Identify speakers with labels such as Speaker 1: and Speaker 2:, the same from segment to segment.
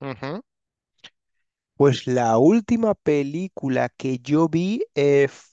Speaker 1: Ujú. Pues la última película que yo vi,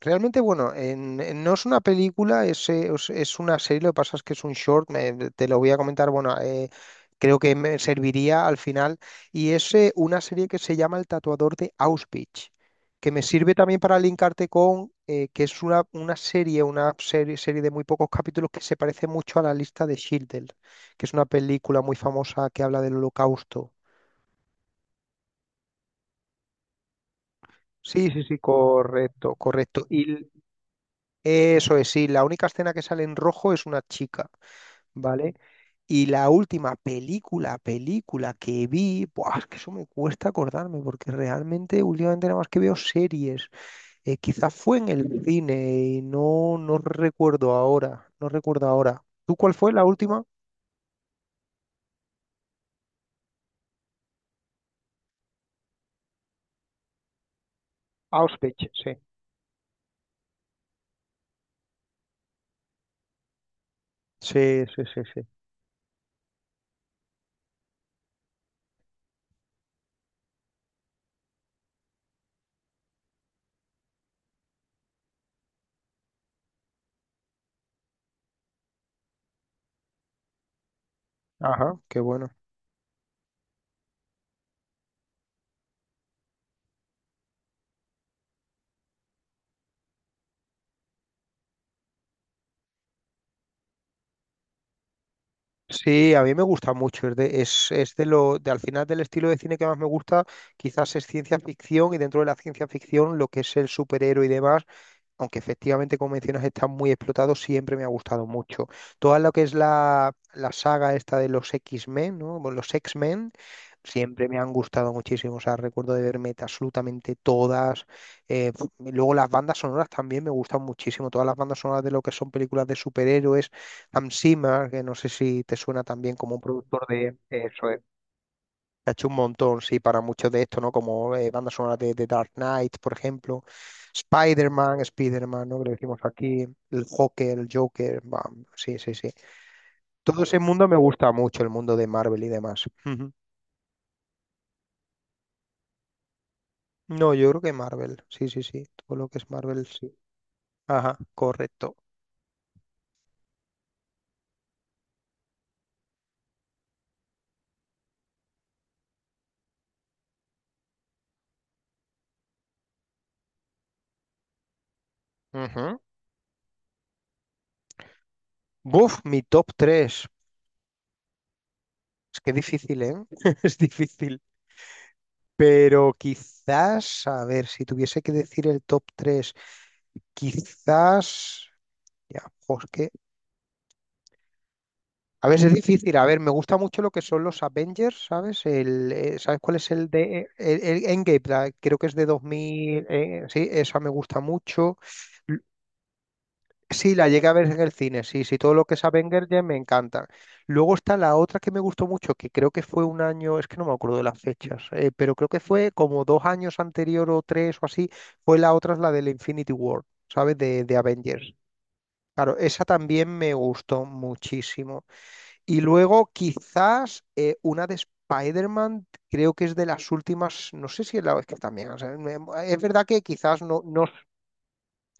Speaker 1: realmente, bueno, no es una película, es, es una serie, lo que pasa es que es un short, te lo voy a comentar, bueno, creo que me serviría al final, y es una serie que se llama El Tatuador de Auschwitz, que me sirve también para linkarte con, que es una, una serie de muy pocos capítulos que se parece mucho a La Lista de Schindler, que es una película muy famosa que habla del holocausto. Sí, sí, sí, correcto, correcto. Eso es, sí, la única escena que sale en rojo es una chica, ¿vale? Y la última película que vi, buah, es que eso me cuesta acordarme, porque realmente últimamente nada más que veo series. Quizás fue en el cine y no, no recuerdo ahora. ¿Tú cuál fue la última? Auschwitz, sí. Sí, sí, sí, sí. Ajá, qué bueno. Sí, a mí me gusta mucho. Es de lo, de al final del estilo de cine que más me gusta, quizás es ciencia ficción y dentro de la ciencia ficción lo que es el superhéroe y demás, aunque efectivamente, como mencionas, está muy explotado, siempre me ha gustado mucho. Toda lo que es la saga esta de los X-Men, ¿no? Bueno, los X-Men, siempre me han gustado muchísimo. O sea, recuerdo de verme absolutamente todas. Pf, y luego las bandas sonoras también me gustan muchísimo. Todas las bandas sonoras de lo que son películas de superhéroes. Hans Zimmer, que no sé si te suena también como un productor de eso, se ha hecho un montón, sí, para muchos de estos, ¿no? Como bandas sonoras de Dark Knight, por ejemplo. Spider-Man, ¿no? Que le decimos aquí. El Joker. Bam, sí, sí, sí. Todo ese mundo me gusta mucho, el mundo de Marvel y demás. Ujú. No, yo creo que Marvel. Sí, sí, sí. Todo lo que es Marvel, sí. Ajá, correcto. Ujú. Buf, mi top tres. Es que difícil, ¿eh? Es difícil. Pero quizás, a ver, si tuviese que decir el top 3 quizás. Ya, jo, es que a veces es difícil. A ver, me gusta mucho lo que son los Avengers, ¿sabes? ¿Sabes cuál es el de el Endgame? Creo que es de 2000. Eh, sí, esa me gusta mucho. L- Sí, la llegué a ver en el cine. Sí, sí, todo lo que es Avengers ya me encanta. Luego está la otra que me gustó mucho, que creo que fue un año, es que no me acuerdo de las fechas, pero creo que fue como dos años anterior o tres o así. Fue la otra, es la del Infinity War, ¿sabes? De Avengers. Claro, esa también me gustó muchísimo. Y luego quizás una de Spider-Man, creo que es de las últimas, no sé si es la es que también, es verdad que quizás no, no,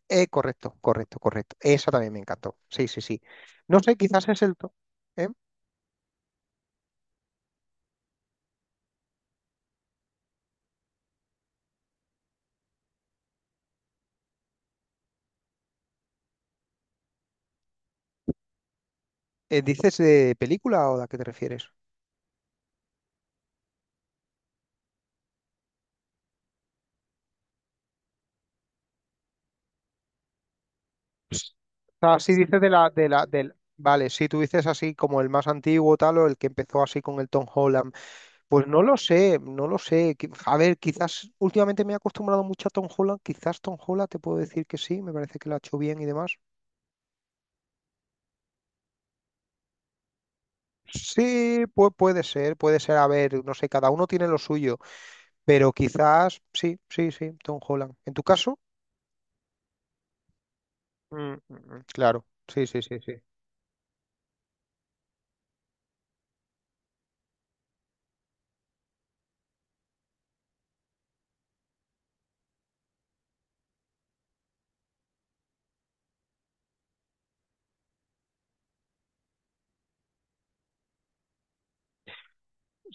Speaker 1: correcto, esa también me encantó, sí, sí, sí, no sé, quizás es ¿eh? ¿Dices de película o de a qué te refieres? O sea, si dices de del, vale, si tú dices así como el más antiguo tal o el que empezó así con el Tom Holland. Pues no lo sé, no lo sé. A ver, quizás últimamente me he acostumbrado mucho a Tom Holland. Quizás Tom Holland te puedo decir que sí, me parece que lo ha hecho bien y demás. Sí, pues puede ser, puede ser. A ver, no sé, cada uno tiene lo suyo, pero quizás sí, sí, sí, Tom Holland. ¿En tu caso? Mm, mm, mm, claro, sí, sí, sí, sí.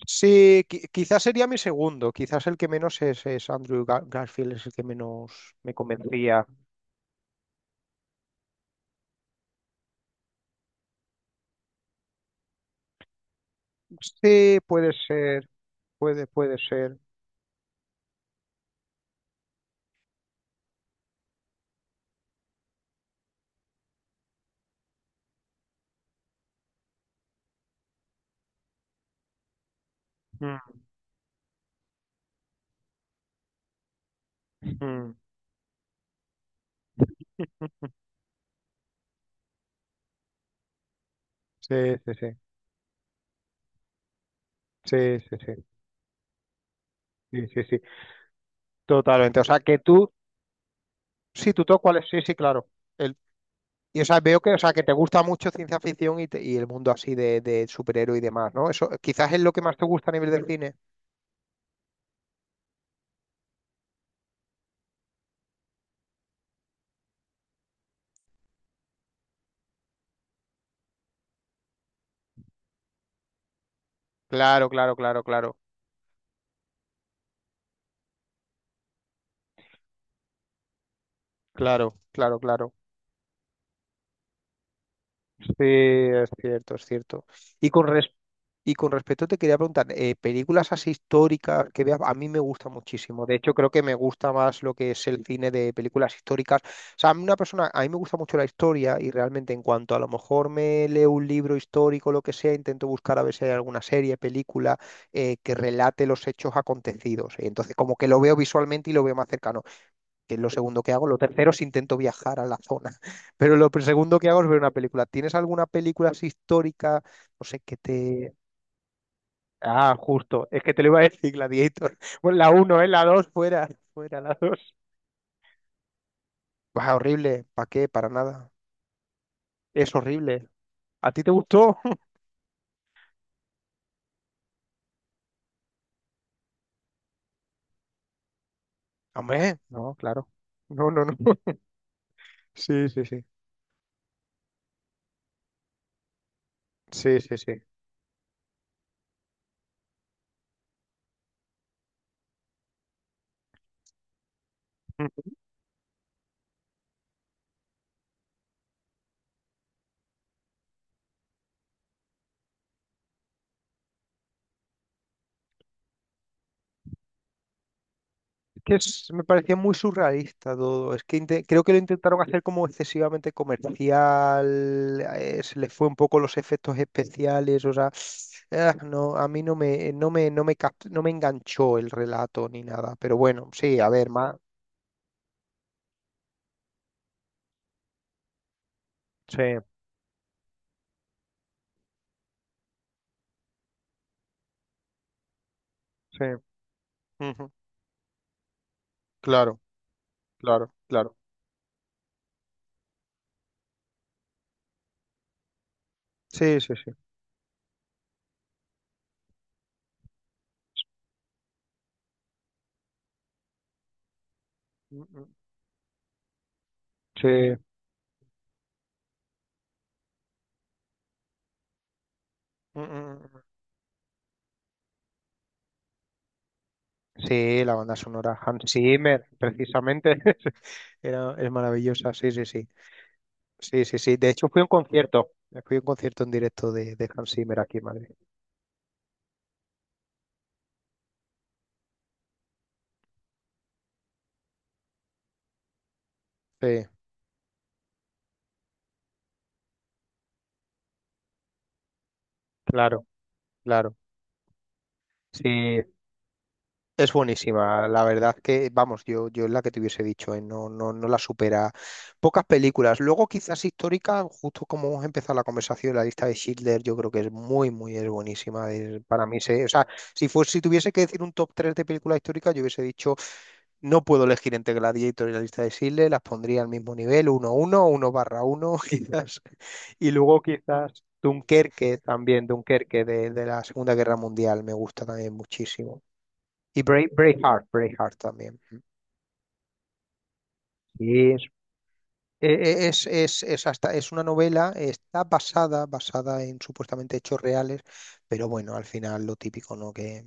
Speaker 1: Sí, quizás sería mi segundo, quizás el que menos es Andrew Garfield, es el que menos me convencía. Sí, puede ser, puede ser. Mm, mm. Sí, sí, sí, sí, sí, sí, sí, sí, sí, totalmente. O sea, que tú, sí, tú todo cuál es, sí, sí, claro. El, y o sea, veo que, o sea, que te gusta mucho ciencia ficción y, y el mundo así de superhéroe y demás, ¿no? Eso quizás es lo que más te gusta a nivel del cine. Claro, claro, claro, claro, claro, claro, claro. Sí, es cierto, es cierto. Y con Y con respecto te quería preguntar, películas así históricas que veas, a mí me gusta muchísimo. De hecho, creo que me gusta más lo que es el cine de películas históricas. O sea, a mí una persona, a mí me gusta mucho la historia y realmente en cuanto a lo mejor me leo un libro histórico, lo que sea, intento buscar a ver si hay alguna serie, película que relate los hechos acontecidos. Y entonces, como que lo veo visualmente y lo veo más cercano, que es lo segundo que hago. Lo tercero es intento viajar a la zona. Pero lo segundo que hago es ver una película. ¿Tienes alguna película así histórica? No sé, que te. Ah, justo. Es que te lo iba a decir, Gladiator. Bueno, la uno, ¿eh? La 2, fuera. Fuera, la 2. Bah, horrible. ¿Para qué? Para nada. Es horrible. ¿A ti te gustó? Hombre, no, claro. No, no, no. Sí, sí, sí. Sí, sí, sí. Mm. Es que me parecía muy surrealista todo. Es que creo que lo intentaron hacer como excesivamente comercial, se les fue un poco los efectos especiales, o sea, ah, no, a mí no me, no me, no me, cap- no me enganchó el relato ni nada. Pero bueno, sí, a ver, ma-. Sí, sí. Ujú, claro, claro, claro. Sí, sí, sí. Mm, mm, sí. Mm, mm, mm. Sí, la banda sonora Hans Zimmer, precisamente, era, es maravillosa, sí, sí, sí, sí, sí, sí, de hecho fui a un concierto, fui a un concierto en directo de Hans Zimmer aquí en Madrid, sí, claro, claro, sí. Es buenísima, la verdad que, vamos, yo es la que te hubiese dicho, ¿eh? No, no, no la supera. Pocas películas. Luego quizás históricas, justo como hemos empezado la conversación, La Lista de Schindler, yo creo que es muy, muy, es buenísima. Para mí, se, o sea, si fuese, si tuviese que decir un top 3 de películas históricas, yo hubiese dicho, no puedo elegir entre Gladiator y La Lista de Schindler, las pondría al mismo nivel, uno uno uno barra uno, quizás. Y luego quizás Dunkerque también, Dunkerque de la Segunda Guerra Mundial, me gusta también muchísimo. Y Braveheart, Braveheart también. Ujú. Y es, es, es hasta, es una novela, está basada, basada en supuestamente hechos reales, pero bueno, al final lo típico, ¿no? Que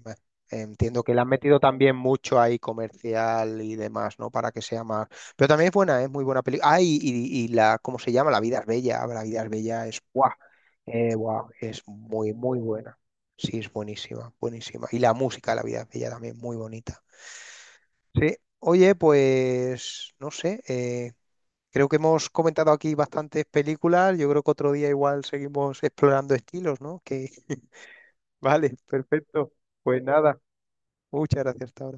Speaker 1: entiendo que le han metido también mucho ahí comercial y demás, ¿no? Para que sea más. Pero también es buena, es muy buena película. Ah, y la, ¿cómo se llama? La vida es bella. Ah, La vida es bella es guau. Eh, guau, es muy, muy buena. Sí, es buenísima, buenísima. Y la música, de La vida es bella también, muy bonita. Sí, oye, pues no sé, creo que hemos comentado aquí bastantes películas, yo creo que otro día igual seguimos explorando estilos, ¿no? Que vale, perfecto. Pues nada, muchas gracias hasta ahora.